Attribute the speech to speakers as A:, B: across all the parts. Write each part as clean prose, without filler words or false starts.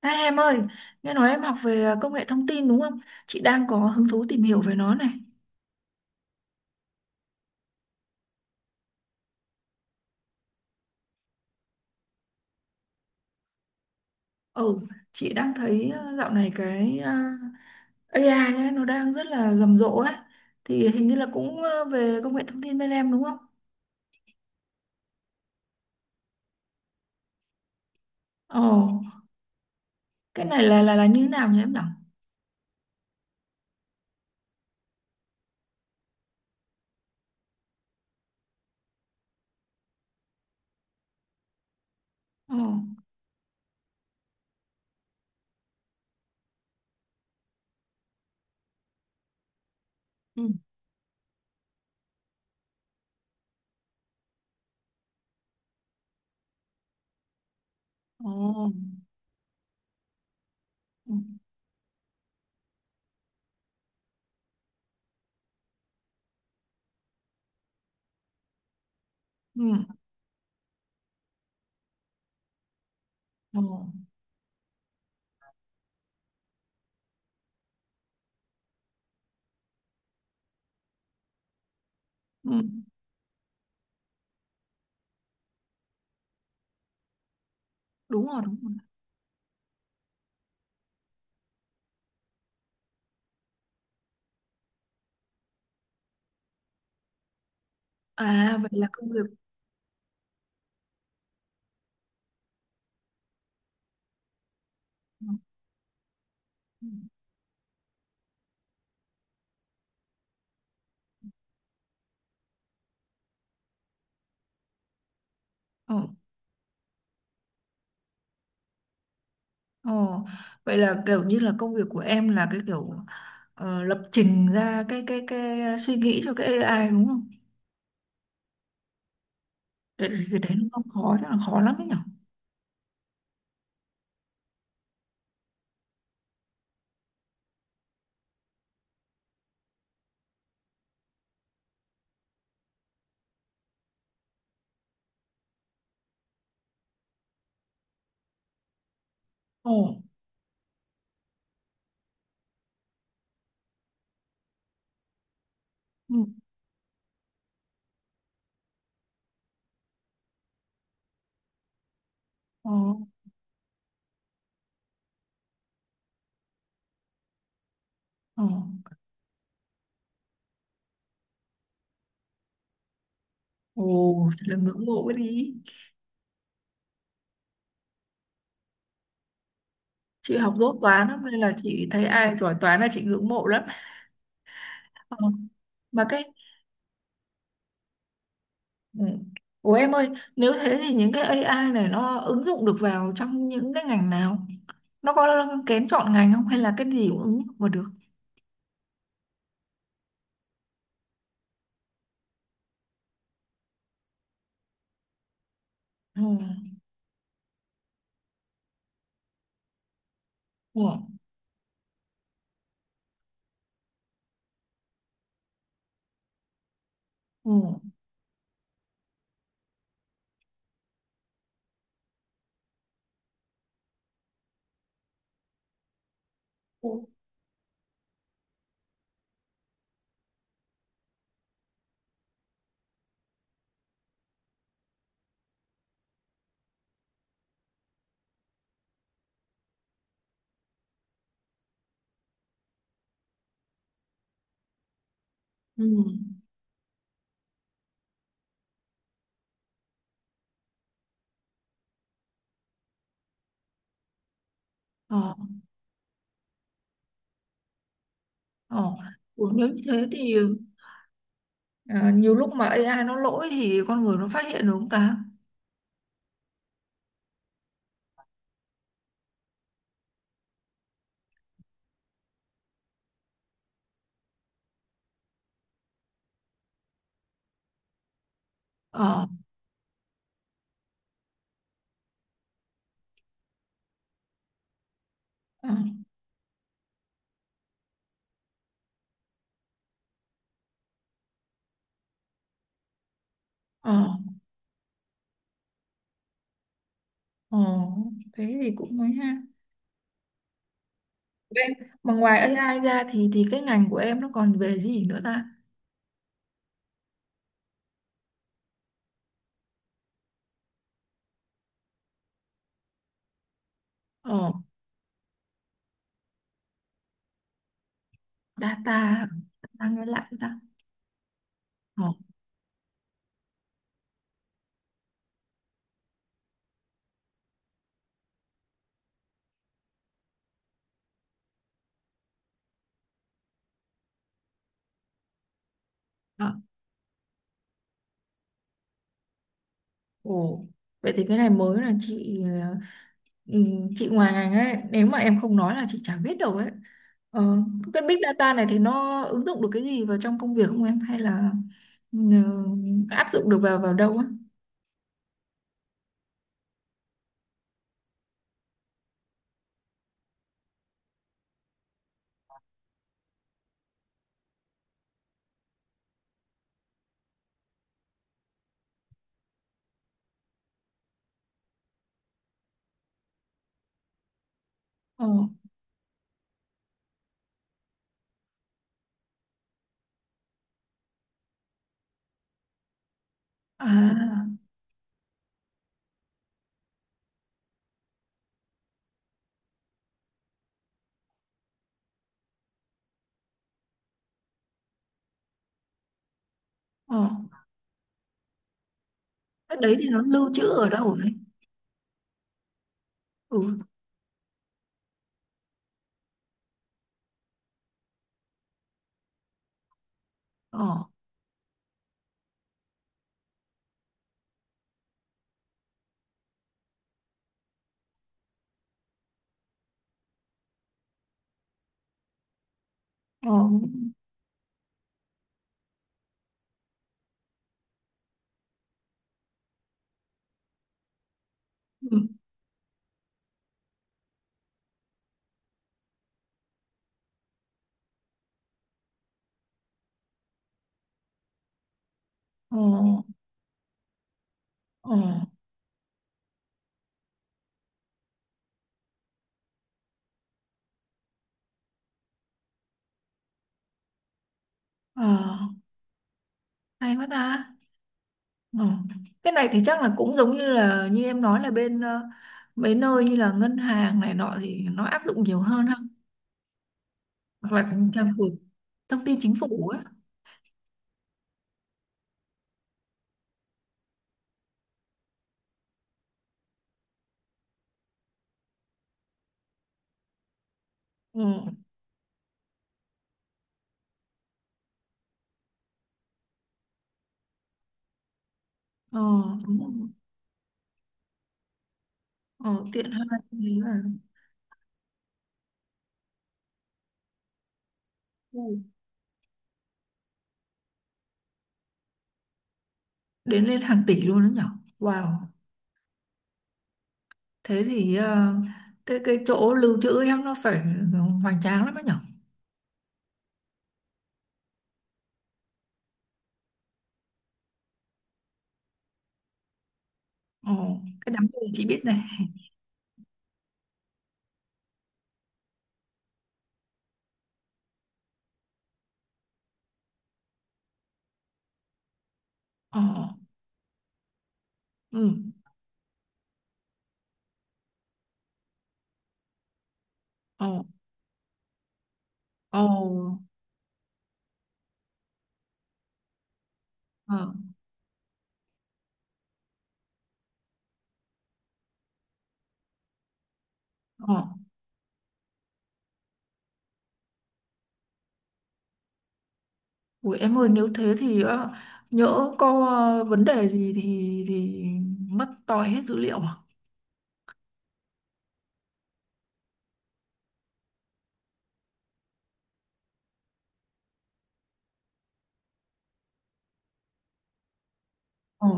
A: Ê, em ơi, nghe nói em học về công nghệ thông tin đúng không? Chị đang có hứng thú tìm hiểu về nó này. Ừ, chị đang thấy dạo này cái AI ấy, nó đang rất là rầm rộ ấy. Thì hình như là cũng về công nghệ thông tin bên em đúng không? Ồ, cái này là như thế nào nhỉ em nhỉ? Ồ, ừ. Ồ, ừ, ừ, ồ, ừ, đúng rồi, đúng rồi. À, vậy là công việc. Ồ, ồ, vậy là kiểu như là công việc của em là cái kiểu lập trình ra cái suy nghĩ cho cái AI đúng không? Cái đấy nó không khó chắc là khó lắm đấy nhở? Ồ, ừ, ồ, ồ, ồ, thật là ngưỡng mộ cái đi. Chị học dốt toán lắm nên là chị thấy ai giỏi toán là chị ngưỡng mộ lắm. Ờ, mà cái, ừ. Ủa em ơi, nếu thế thì những cái AI này nó ứng dụng được vào trong những cái ngành nào? Nó có kén chọn ngành không hay là cái gì cũng ứng dụng vào được? Ừ. Ừ. Ừ. Ừ. Ừ. Ờ, ừ, nếu như thế thì ờ, nhiều lúc mà AI nó lỗi thì con người nó phát hiện được không ta? Ờ, ờ, ờ, ờ, thế thì cũng mới ha. Em, mà ngoài AI ra thì cái ngành của em nó còn về gì nữa ta? Ờ, data, data nghe lại ta. Ờ, ờ, ồ, vậy thì cái này mới là chị ừ, chị ngoài ngành ấy nếu mà em không nói là chị chả biết đâu ấy, ờ, cái big data này thì nó ứng dụng được cái gì vào trong công việc không em hay là ừ, áp dụng được vào vào đâu á? ờ, à ờ. Cái đấy thì nó lưu trữ ở đâu ấy? Ừ. Ờ. Ờ. Ừ. Ờ. Ờ. Ờ. Hay quá ta. Ờ. Cái này thì chắc là cũng giống như là như em nói là bên mấy nơi như là ngân hàng này nọ thì nó áp dụng nhiều hơn ha, hoặc là trang gửi thông tin chính phủ á. Ừ. Ờ, đúng rồi. Ờ, tiện ha. Đấy là ừ. Đến lên hàng tỷ luôn đó nhở. Wow. Thế thì cái chỗ lưu trữ em nó phải hoành tráng lắm đó nhở. Ờ, cái đám cưới chị biết này. Ờ, ừ, ờ, ờ, ờ, ờ. Ủa em ơi, nếu thế thì nhỡ có vấn đề gì thì mất toi hết dữ liệu à? Ờ,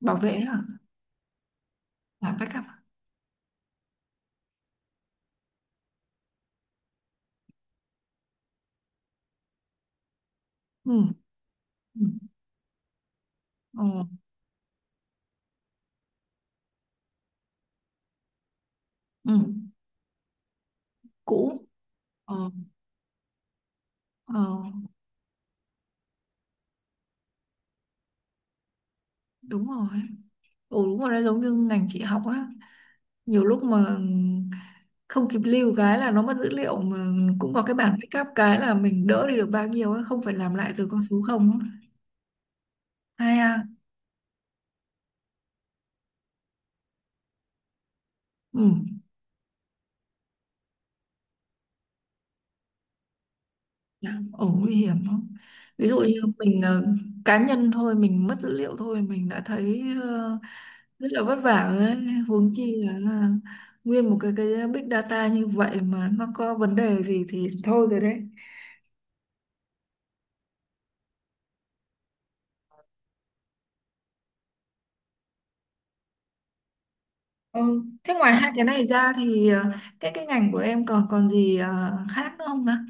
A: bảo vệ à? Làm backup à? Ừ. Ừ. Ờ. Ừ. Cũ. Ờ. Ờ. Đúng rồi. Ừ, đúng rồi, nó giống như ngành chị học á, nhiều lúc mà không kịp lưu cái là nó mất dữ liệu mà, cũng có cái bản backup cái là mình đỡ đi được bao nhiêu ấy, không phải làm lại từ con số không á. Hay à. Ừ. Ồ, nguy hiểm không, ví dụ như mình cá nhân thôi mình mất dữ liệu thôi mình đã thấy rất là vất vả rồi đấy, huống chi là nguyên một cái big data như vậy mà nó có vấn đề gì thì thôi rồi đấy. Ừ. Thế ngoài hai cái này ra thì cái ngành của em còn còn gì khác nữa không ta?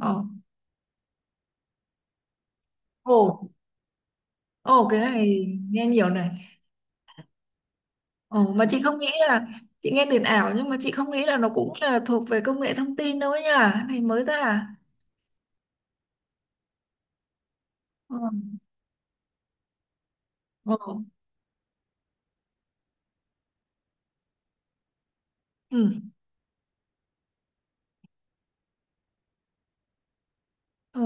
A: Ồ, ồ, ồ, cái này nghe nhiều này. Ồ, mà chị không nghĩ là chị nghe tiền ảo nhưng mà chị không nghĩ là nó cũng là thuộc về công nghệ thông tin đâu ấy nhỉ? Cái này mới ra à? Ồ, ồ, ừ, ồ,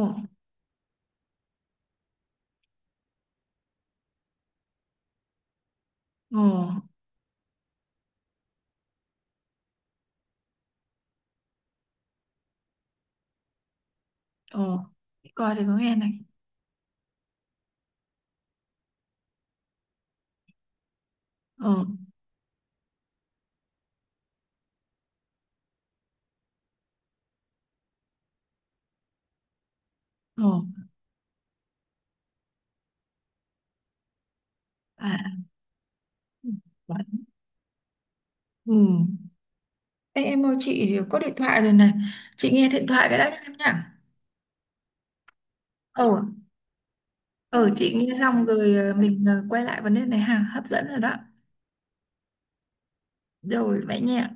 A: ồ, ồ, coi thì có nghe này. Ồ, ồ, à. Ừ. Ê, em ơi, chị có điện thoại rồi này. Chị nghe điện thoại cái đã em nhá. Ồ, ờ, chị nghe xong rồi, mình quay lại vấn đề này ha, hấp dẫn rồi đó. Rồi vậy nha.